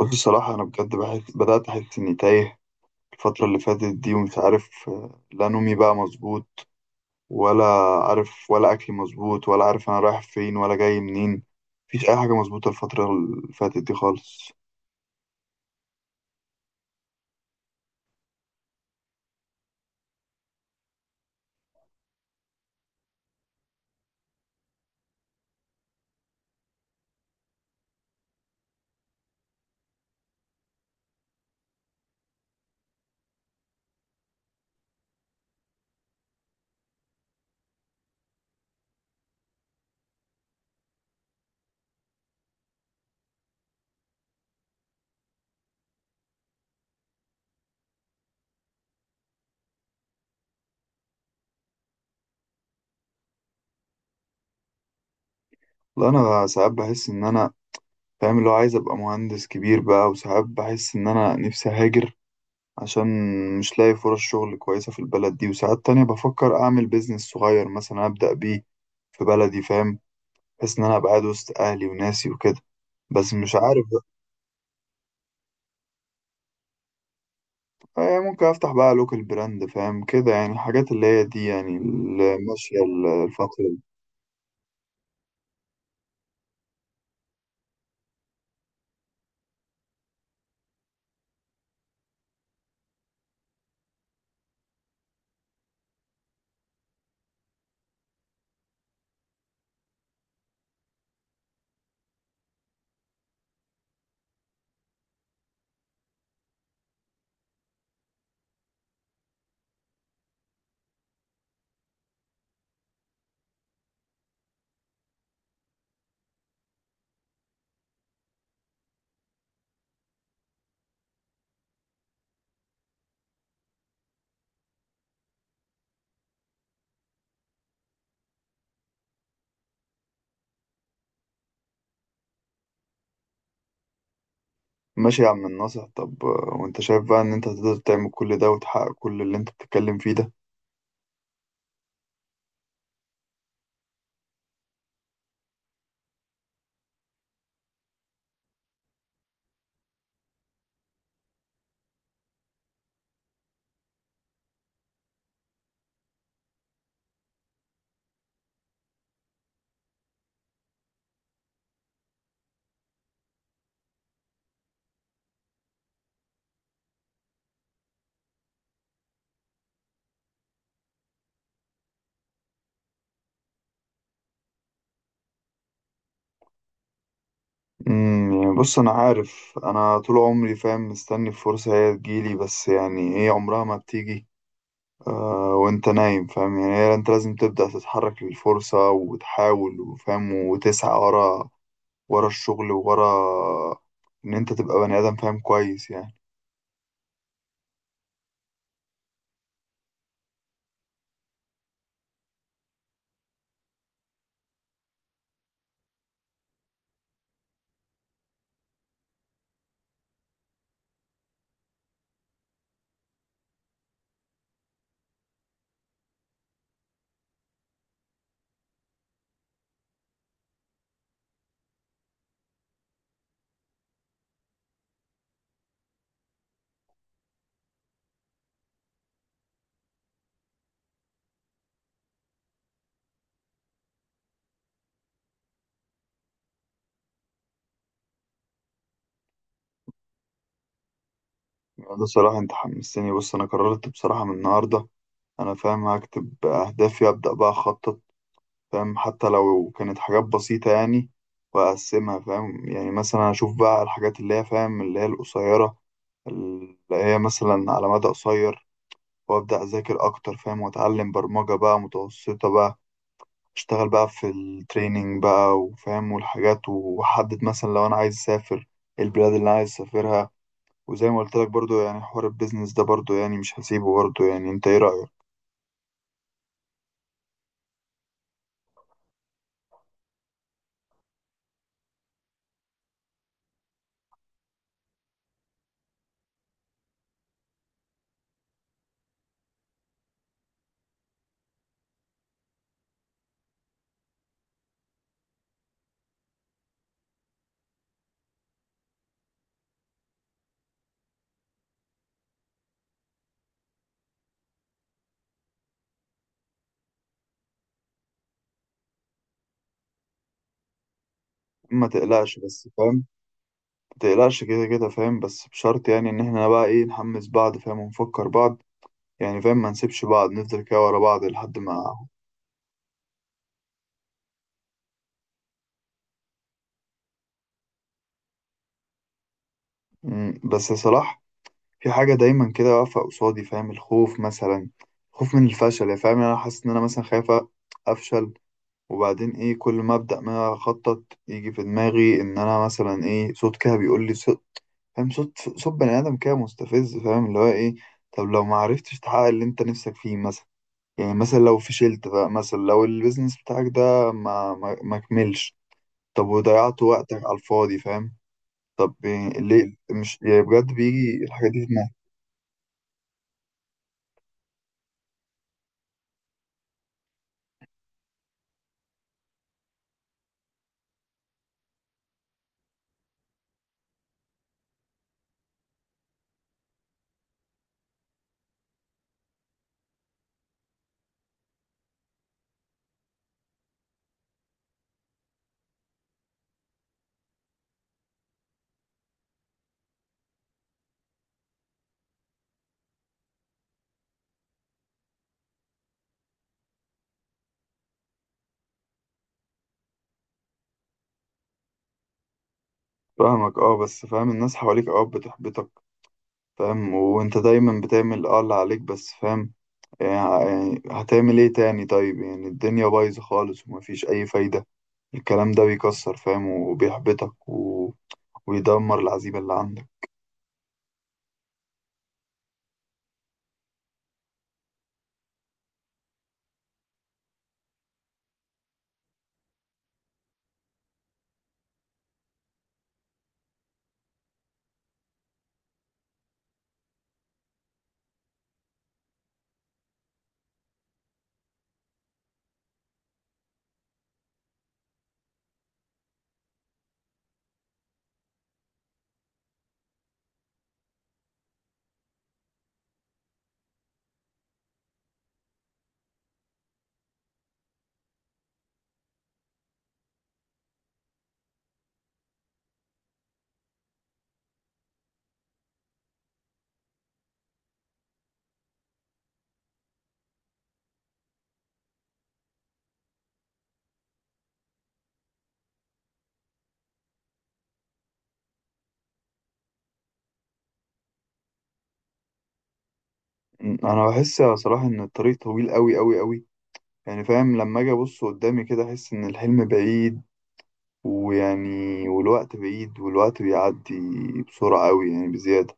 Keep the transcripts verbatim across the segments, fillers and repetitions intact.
بص، الصراحة أنا بجد بحس بدأت أحس إني تايه الفترة اللي فاتت دي ومش عارف. آه، لا نومي بقى مظبوط ولا عارف ولا أكلي مظبوط ولا عارف أنا رايح فين ولا جاي منين. مفيش أي حاجة مظبوطة الفترة اللي فاتت دي خالص. لا، أنا ساعات بحس إن أنا فاهم اللي هو عايز أبقى مهندس كبير بقى، وساعات بحس إن أنا نفسي هاجر عشان مش لاقي فرص شغل كويسة في البلد دي، وساعات تانية بفكر أعمل بيزنس صغير مثلا أبدأ بيه في بلدي فاهم. بحيث ان انا ابقى قاعد وسط اهلي وناسي وكده، بس مش عارف بقى. آه، ممكن افتح بقى لوكال براند، فاهم كده، يعني الحاجات اللي هي دي يعني اللي ماشيه الفتره دي. ماشي يا عم الناصح، طب آه، وانت شايف بقى ان انت تقدر تعمل كل ده وتحقق كل اللي انت بتتكلم فيه ده؟ امم يعني بص، انا عارف انا طول عمري فاهم مستني الفرصه هي تجيلي، بس يعني هي عمرها ما بتيجي. آه، وانت نايم فاهم، يعني هي انت لازم تبدأ تتحرك للفرصة وتحاول وفاهم وتسعى ورا ورا الشغل وورا ان انت تبقى بني ادم، فاهم كويس يعني. ده صراحة انت حمستني، بص انا قررت بصراحة من النهاردة انا فاهم هكتب اهدافي، ابدأ بقى اخطط فاهم، حتى لو كانت حاجات بسيطة يعني. واقسمها فاهم، يعني مثلا اشوف بقى الحاجات اللي هي فاهم اللي هي القصيرة، اللي هي مثلا على مدى قصير. وابدأ اذاكر اكتر فاهم، واتعلم برمجة بقى متوسطة بقى، اشتغل بقى في التريننج بقى وفاهم، والحاجات، وحدد مثلا لو انا عايز اسافر البلاد اللي انا عايز اسافرها. وزي ما قلت لك برضو، يعني حوار البيزنس ده برضو يعني مش هسيبه برضو، يعني انت ايه رأيك؟ ما تقلقش بس فاهم. ما تقلقش كده كده فاهم، بس بشرط يعني ان احنا بقى ايه نحمس بعض فاهم ونفكر بعض، يعني فاهم ما نسيبش بعض نفضل كده ورا بعض لحد ما. مم، بس يا صلاح، في حاجة دايما كده واقفة قصادي فاهم، الخوف مثلا، خوف من الفشل يعني، فاهم يعني انا حاسس ان انا مثلا خايف افشل. وبعدين ايه، كل ما ابدا ما اخطط يجي في دماغي ان انا مثلا ايه، صوت كده بيقول لي، صوت فاهم، صوت صوت بني ادم كده مستفز، فاهم اللي هو ايه. طب لو ما عرفتش تحقق اللي انت نفسك فيه مثلا، يعني مثلا لو فشلت بقى، مثلا لو البيزنس بتاعك ده ما ما ما كملش، طب وضيعت وقتك على الفاضي فاهم. طب إيه، ليه مش يعني بجد بيجي الحاجات دي في دماغي؟ فاهمك اه، بس فاهم الناس حواليك اه بتحبطك فاهم، وانت دايما بتعمل اه اللي عليك بس فاهم، يعني هتعمل ايه تاني؟ طيب يعني الدنيا بايظة خالص ومفيش أي فايدة، الكلام ده بيكسر فاهم وبيحبطك و... ويدمر العزيمة اللي عندك. م، أنا بحس صراحة إن الطريق طويل أوي أوي أوي، يعني فاهم لما أجي أبص قدامي كده أحس إن الحلم بعيد، ويعني والوقت بعيد والوقت بيعدي بسرعة أوي يعني بزيادة.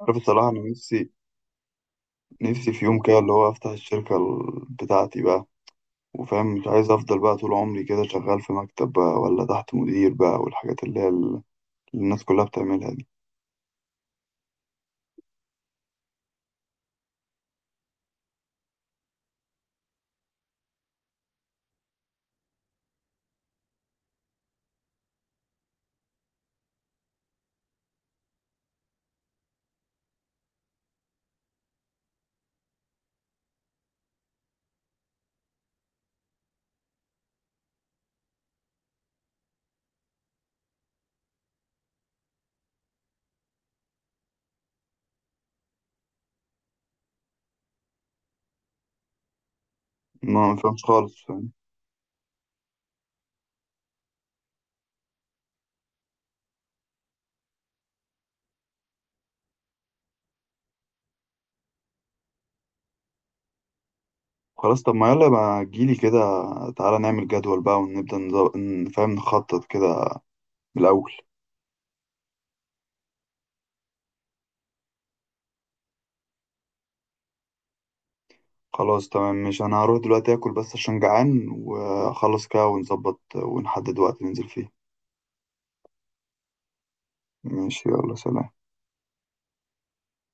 عارف الصراحة أنا نفسي، نفسي في يوم كده اللي هو أفتح الشركة ال- بتاعتي بقى. وفاهم مش عايز افضل بقى طول عمري كده شغال في مكتب بقى، ولا تحت مدير بقى والحاجات اللي هي ال- اللي الناس كلها بتعملها دي. ما ما فهمش خالص فاهم. خلاص، طب ما يلا بقى تجيلي كده، تعالى نعمل جدول بقى ونبدأ نظ- ن- فاهم نخطط كده من الأول. خلاص تمام، مش أنا هروح دلوقتي آكل بس عشان جعان وأخلص كده ونظبط ونحدد وقت ننزل فيه. ماشي، يلا، سلام.